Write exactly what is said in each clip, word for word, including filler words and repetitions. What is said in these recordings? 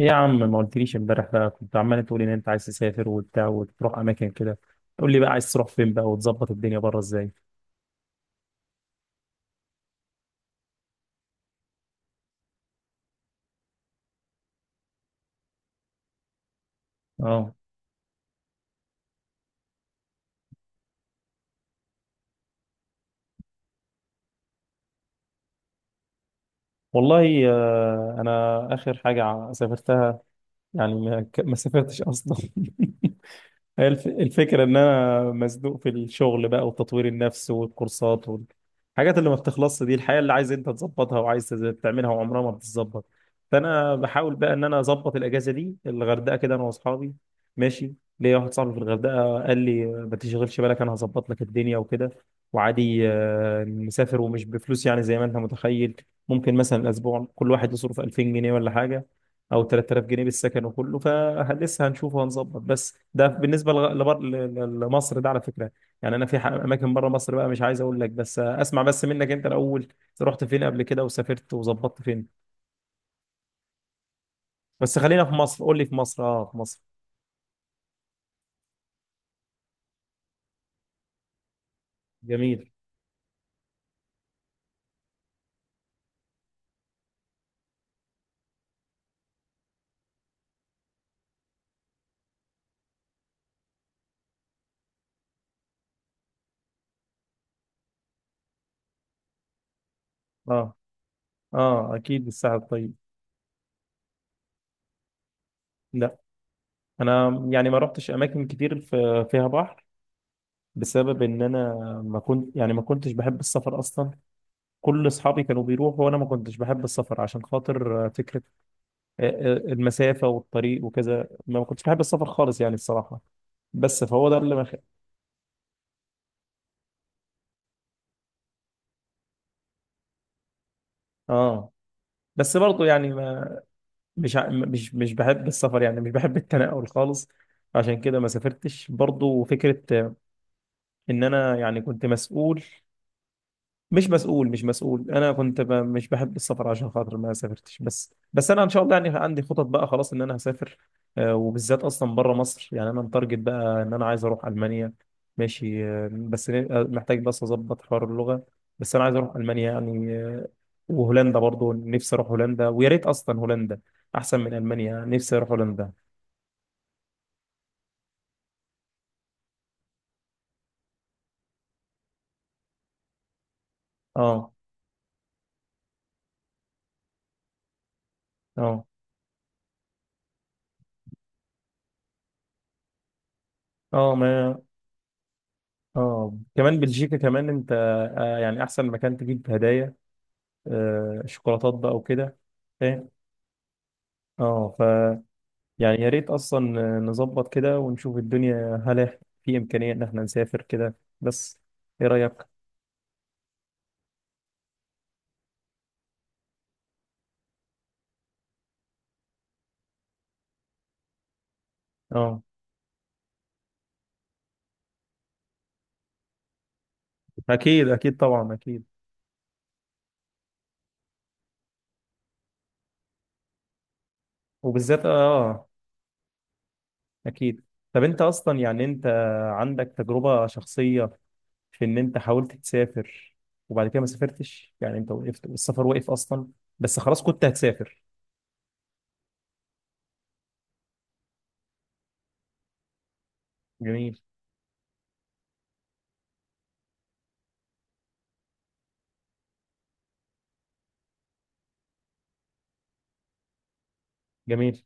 ايه يا عم ما قلتليش امبارح بقى كنت عمال تقول ان انت عايز تسافر وبتاع وتروح اماكن كده. قول لي بقى عايز تروح فين بقى وتظبط الدنيا بره ازاي؟ اه والله آه، انا اخر حاجه ع- سافرتها يعني ما ك- ما سافرتش اصلا. هي الف- الفكرة إن أنا مزنوق في الشغل بقى وتطوير النفس والكورسات والحاجات اللي ما بتخلصش دي الحياة اللي عايز أنت تظبطها وعايز تعملها وعمرها ما بتتظبط. فأنا بحاول بقى إن أنا أظبط الأجازة دي الغردقة كده أنا وأصحابي. ماشي. ليا واحد صاحبي في الغردقة قال لي ما تشغلش بالك أنا هظبط لك الدنيا وكده. وعادي آه، نسافر ومش بفلوس يعني زي ما أنت متخيل. ممكن مثلا الأسبوع كل واحد يصرف الفين جنيه ولا حاجة، او تلات تلاف جنيه بالسكن وكله فلسه. هنشوف وهنظبط، بس ده بالنسبه لغ- لبر... ل- ل- لمصر ده على فكره. يعني انا في ح- اماكن بره مصر بقى، مش عايز اقول لك، بس اسمع بس منك انت الاول. رحت فين قبل كده وسافرت وظبطت فين؟ بس خلينا في مصر، قول لي في مصر. اه، في مصر. جميل. اه، اه، اكيد الساحل الطيب. لا، انا يعني ما رحتش اماكن كتير في... فيها بحر، بسبب ان انا ما كنت يعني ما كنتش بحب السفر اصلا. كل اصحابي كانوا بيروحوا وانا ما كنتش بحب السفر عشان خاطر فكره المسافة والطريق وكذا. ما كنتش بحب السفر خالص يعني الصراحة. بس فهو ده اللي مخ... اه بس برضه يعني ما مش ع- مش مش بحب السفر يعني مش بحب التنقل خالص. عشان كده ما سافرتش برضه فكرة ان انا يعني كنت مسؤول، مش مسؤول مش مسؤول انا كنت ب... مش بحب السفر عشان خاطر ما سافرتش. بس بس انا ان شاء الله يعني عندي خطط بقى خلاص ان انا هسافر. آه، وبالذات اصلا بره مصر. يعني انا متارجت بقى ان انا عايز اروح المانيا. ماشي. آه، بس ن- آه، محتاج بس اظبط حوار اللغه. بس انا عايز اروح المانيا يعني. آه، وهولندا برضو نفسي اروح هولندا، ويا ريت اصلا هولندا احسن من المانيا. نفسي اروح هولندا. اه، اه، اه، ما اه، كمان بلجيكا كمان انت. آه يعني احسن مكان تجيب هدايا، آه، شوكولاتات بقى وكده، فاهم. اه ف يعني يا ريت اصلا، آه، نظبط كده ونشوف الدنيا هل إح- في امكانيه ان احنا نسافر كده بس. ايه رايك؟ اه اكيد، اكيد طبعا اكيد. وبالذات اه آه، اكيد. طب انت اصلا يعني انت عندك تجربه شخصيه في ان انت حاولت تسافر وبعد كده ما سافرتش؟ يعني انت وقفت والسفر وقف اصلا، بس خلاص كنت هتسافر. جميل. جميل.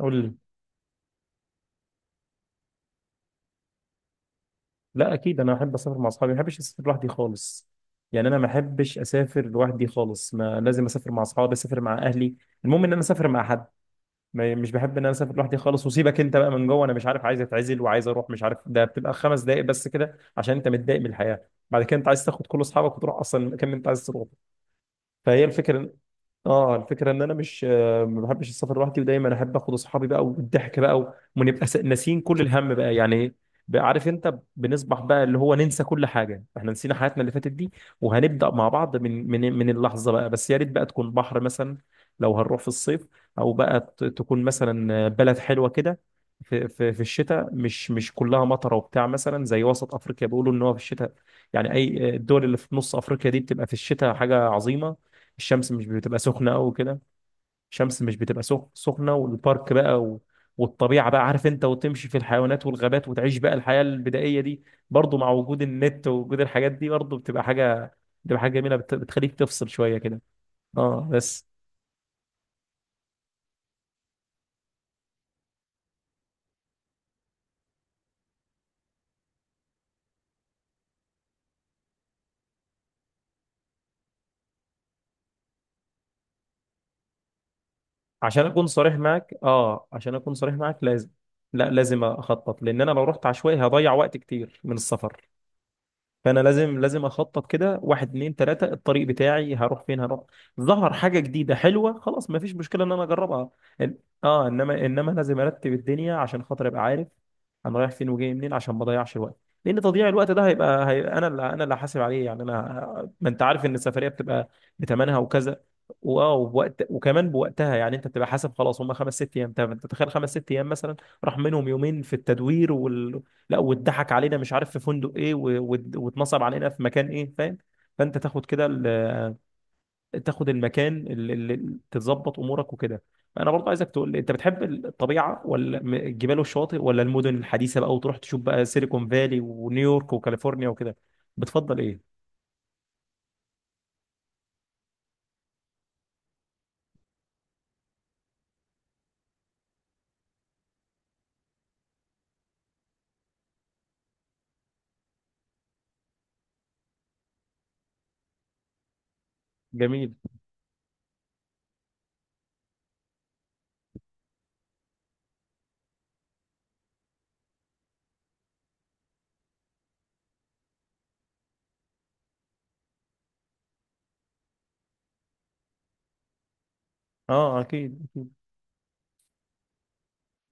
قول لي. لا اكيد انا احب اسافر مع اصحابي، ما بحبش اسافر لوحدي خالص. يعني انا ما بحبش اسافر لوحدي خالص، ما لازم اسافر مع اصحابي، اسافر مع اهلي. المهم ان انا اسافر مع حد. ما مش بحب ان انا اسافر لوحدي خالص. وسيبك انت بقى من جوه، انا مش عارف عايز اتعزل وعايز اروح مش عارف، ده بتبقى خمس دقائق بس كده عشان انت متضايق من الحياه، بعد كده انت عايز تاخد كل اصحابك وتروح اصلا المكان اللي انت عايز تروحه. فهي الفكره. اه الفكره ان انا مش آه، ما بحبش السفر لوحدي، ودايما احب اخد اصحابي بقى والضحك بقى ونبقى س- ناسيين كل الهم بقى يعني. بقى عارف انت بنصبح بقى اللي هو ننسى كل حاجه، احنا نسينا حياتنا اللي فاتت دي. وهنبدا مع بعض من من من اللحظه بقى. بس يا ريت بقى تكون بحر مثلا لو هنروح في الصيف، او بقى ت- تكون مثلا بلد حلوه كده في في في الشتاء مش مش كلها مطره وبتاع، مثلا زي وسط افريقيا بيقولوا ان هو في الشتاء يعني اي آه، الدول اللي في نص افريقيا دي بتبقى في الشتاء حاجه عظيمه. الشمس مش بتبقى سخنه قوي كده، الشمس مش بتبقى سخ- سخنه، والبارك بقى و... والطبيعه بقى عارف انت، وتمشي في الحيوانات والغابات وتعيش بقى الحياه البدائيه دي، برضو مع وجود النت ووجود الحاجات دي، برضو بتبقى حاجه، بتبقى حاجه جميله بت... بتخليك تفصل شويه كده. اه بس. عشان اكون صريح معاك اه، عشان اكون صريح معاك لازم، لا لازم اخطط، لان انا لو رحت عشوائي هضيع وقت كتير من السفر. فانا لازم لازم اخطط كده واحد اتنين تلاته الطريق بتاعي هروح فين هروح. ظهر حاجه جديده حلوه خلاص ما فيش مشكله ان انا اجربها. إن- اه انما انما لازم ارتب الدنيا عشان خاطر ابقى عارف انا رايح فين وجاي منين عشان ما اضيعش الوقت. لان تضييع الوقت ده هيبقى, هيبقى انا اللي انا اللي هحاسب عليه يعني انا. ما انت عارف ان السفريه بتبقى بثمنها وكذا، واه ووقت وكمان بوقتها يعني. انت بتبقى حاسب خلاص هم خمس ست ايام، طب انت تخيل خمس ست ايام مثلا راح منهم يومين في التدوير، لا واتضحك علينا مش عارف في فندق ايه و- وات- واتنصب علينا في مكان ايه، فاهم؟ فانت تاخد كده ال-، تاخد المكان اللي اللي تتظبط امورك وكده. انا برضه عايزك تقول لي انت بتحب الطبيعه ولا م- الجبال والشواطئ ولا المدن الحديثه بقى، وتروح تشوف بقى سيليكون فالي ونيويورك وكاليفورنيا وكده؟ بتفضل ايه؟ جميل. اه اكيد.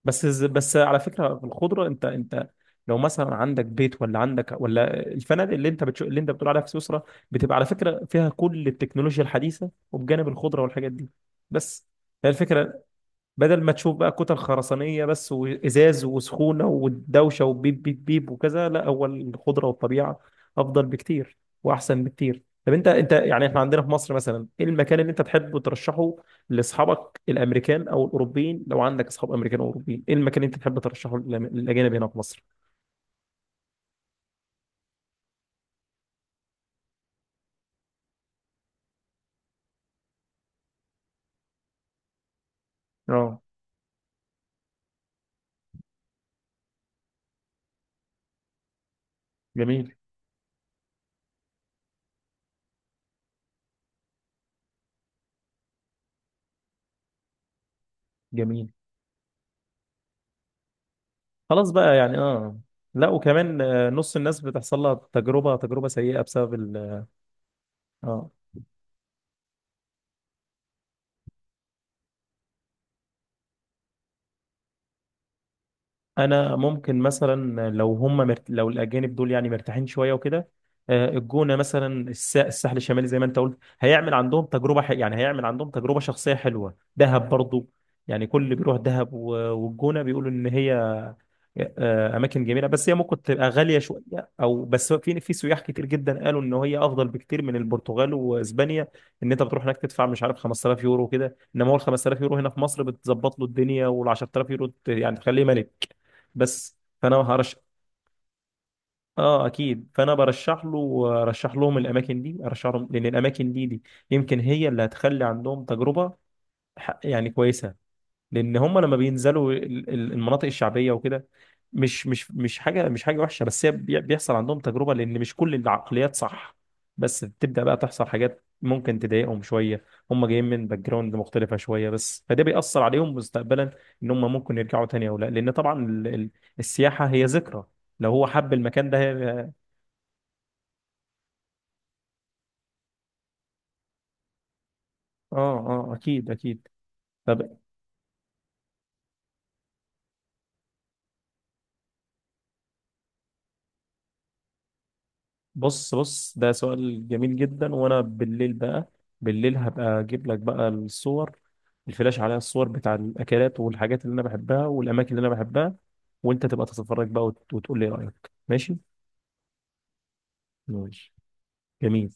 بس بس على فكرة في الخضرة انت انت لو مثلا عندك بيت ولا عندك ولا الفنادق اللي انت بتشو اللي انت بتقول عليها في سويسرا بتبقى على فكرة فيها كل التكنولوجيا الحديثة وبجانب الخضرة والحاجات دي بس، هي الفكرة. بدل ما تشوف بقى كتل خرسانية بس وإزاز وسخونة والدوشة وبيب بيب بيب وكذا، لا هو الخضرة والطبيعة أفضل بكتير وأحسن بكتير. طب أنت أنت يعني إحنا عندنا في مصر مثلا إيه المكان اللي أنت تحب ترشحه لأصحابك الأمريكان أو الأوروبيين، لو عندك أصحاب أمريكان أو أوروبيين إيه المكان اللي أنت تحب ترشحه للأم- للأجانب هنا في مصر؟ اه. جميل. جميل. خلاص بقى يعني اه. لا وكمان، آه، نص الناس بتحصل لها تجربة تجربة سيئة بسبب ال-. اه انا ممكن مثلا لو هم مرت... لو الاجانب دول يعني مرتاحين شويه وكده آه، الجونه مثلا، الس... الساحل الشمالي زي ما انت قلت هيعمل عندهم تجربه ح... يعني هيعمل عندهم تجربه شخصيه حلوه. دهب برضو، يعني كل اللي بيروح دهب و... والجونه بيقولوا ان هي آه، اماكن جميله، بس هي ممكن تبقى غاليه شويه. او بس في في سياح كتير جدا قالوا ان هي افضل بكتير من البرتغال واسبانيا، ان انت بتروح هناك تدفع مش عارف خمست تلاف يورو وكده، انما هو ال الخمست تلاف يورو هنا في مصر بتظبط له الدنيا، وال عشرت تلاف يورو ت- يعني تخليه ملك بس. فانا هرش- اه اكيد. فانا برشح له، ارشح لهم الاماكن دي، ارشح لهم لان الاماكن دي دي يمكن هي اللي هتخلي عندهم تجربه ح- يعني كويسه. لان هم لما بينزلوا ال- ال- المناطق الشعبيه وكده، مش مش مش حاجه مش حاجه وحشه، بس هي بي- بيحصل عندهم تجربه لان مش كل العقليات صح. بس بتبدا بقى تحصل حاجات ممكن تضايقهم شويه، هم جايين من باك جراوند مختلفه شويه بس، فده بيأثر عليهم مستقبلا ان هم ممكن يرجعوا تاني او لا. لان طبعا ال- ال- السياحه هي ذكرى، لو هو حب المكان ده هي... اه اه اكيد اكيد. طب بص بص ده سؤال جميل جدا. وانا بالليل بقى، بالليل هبقى اجيب لك بقى الصور، الفلاش عليها الصور بتاع الاكلات والحاجات اللي انا بحبها والاماكن اللي انا بحبها، وانت تبقى تتفرج بقى وت- وتقول لي رايك، ماشي؟ ماشي. جميل.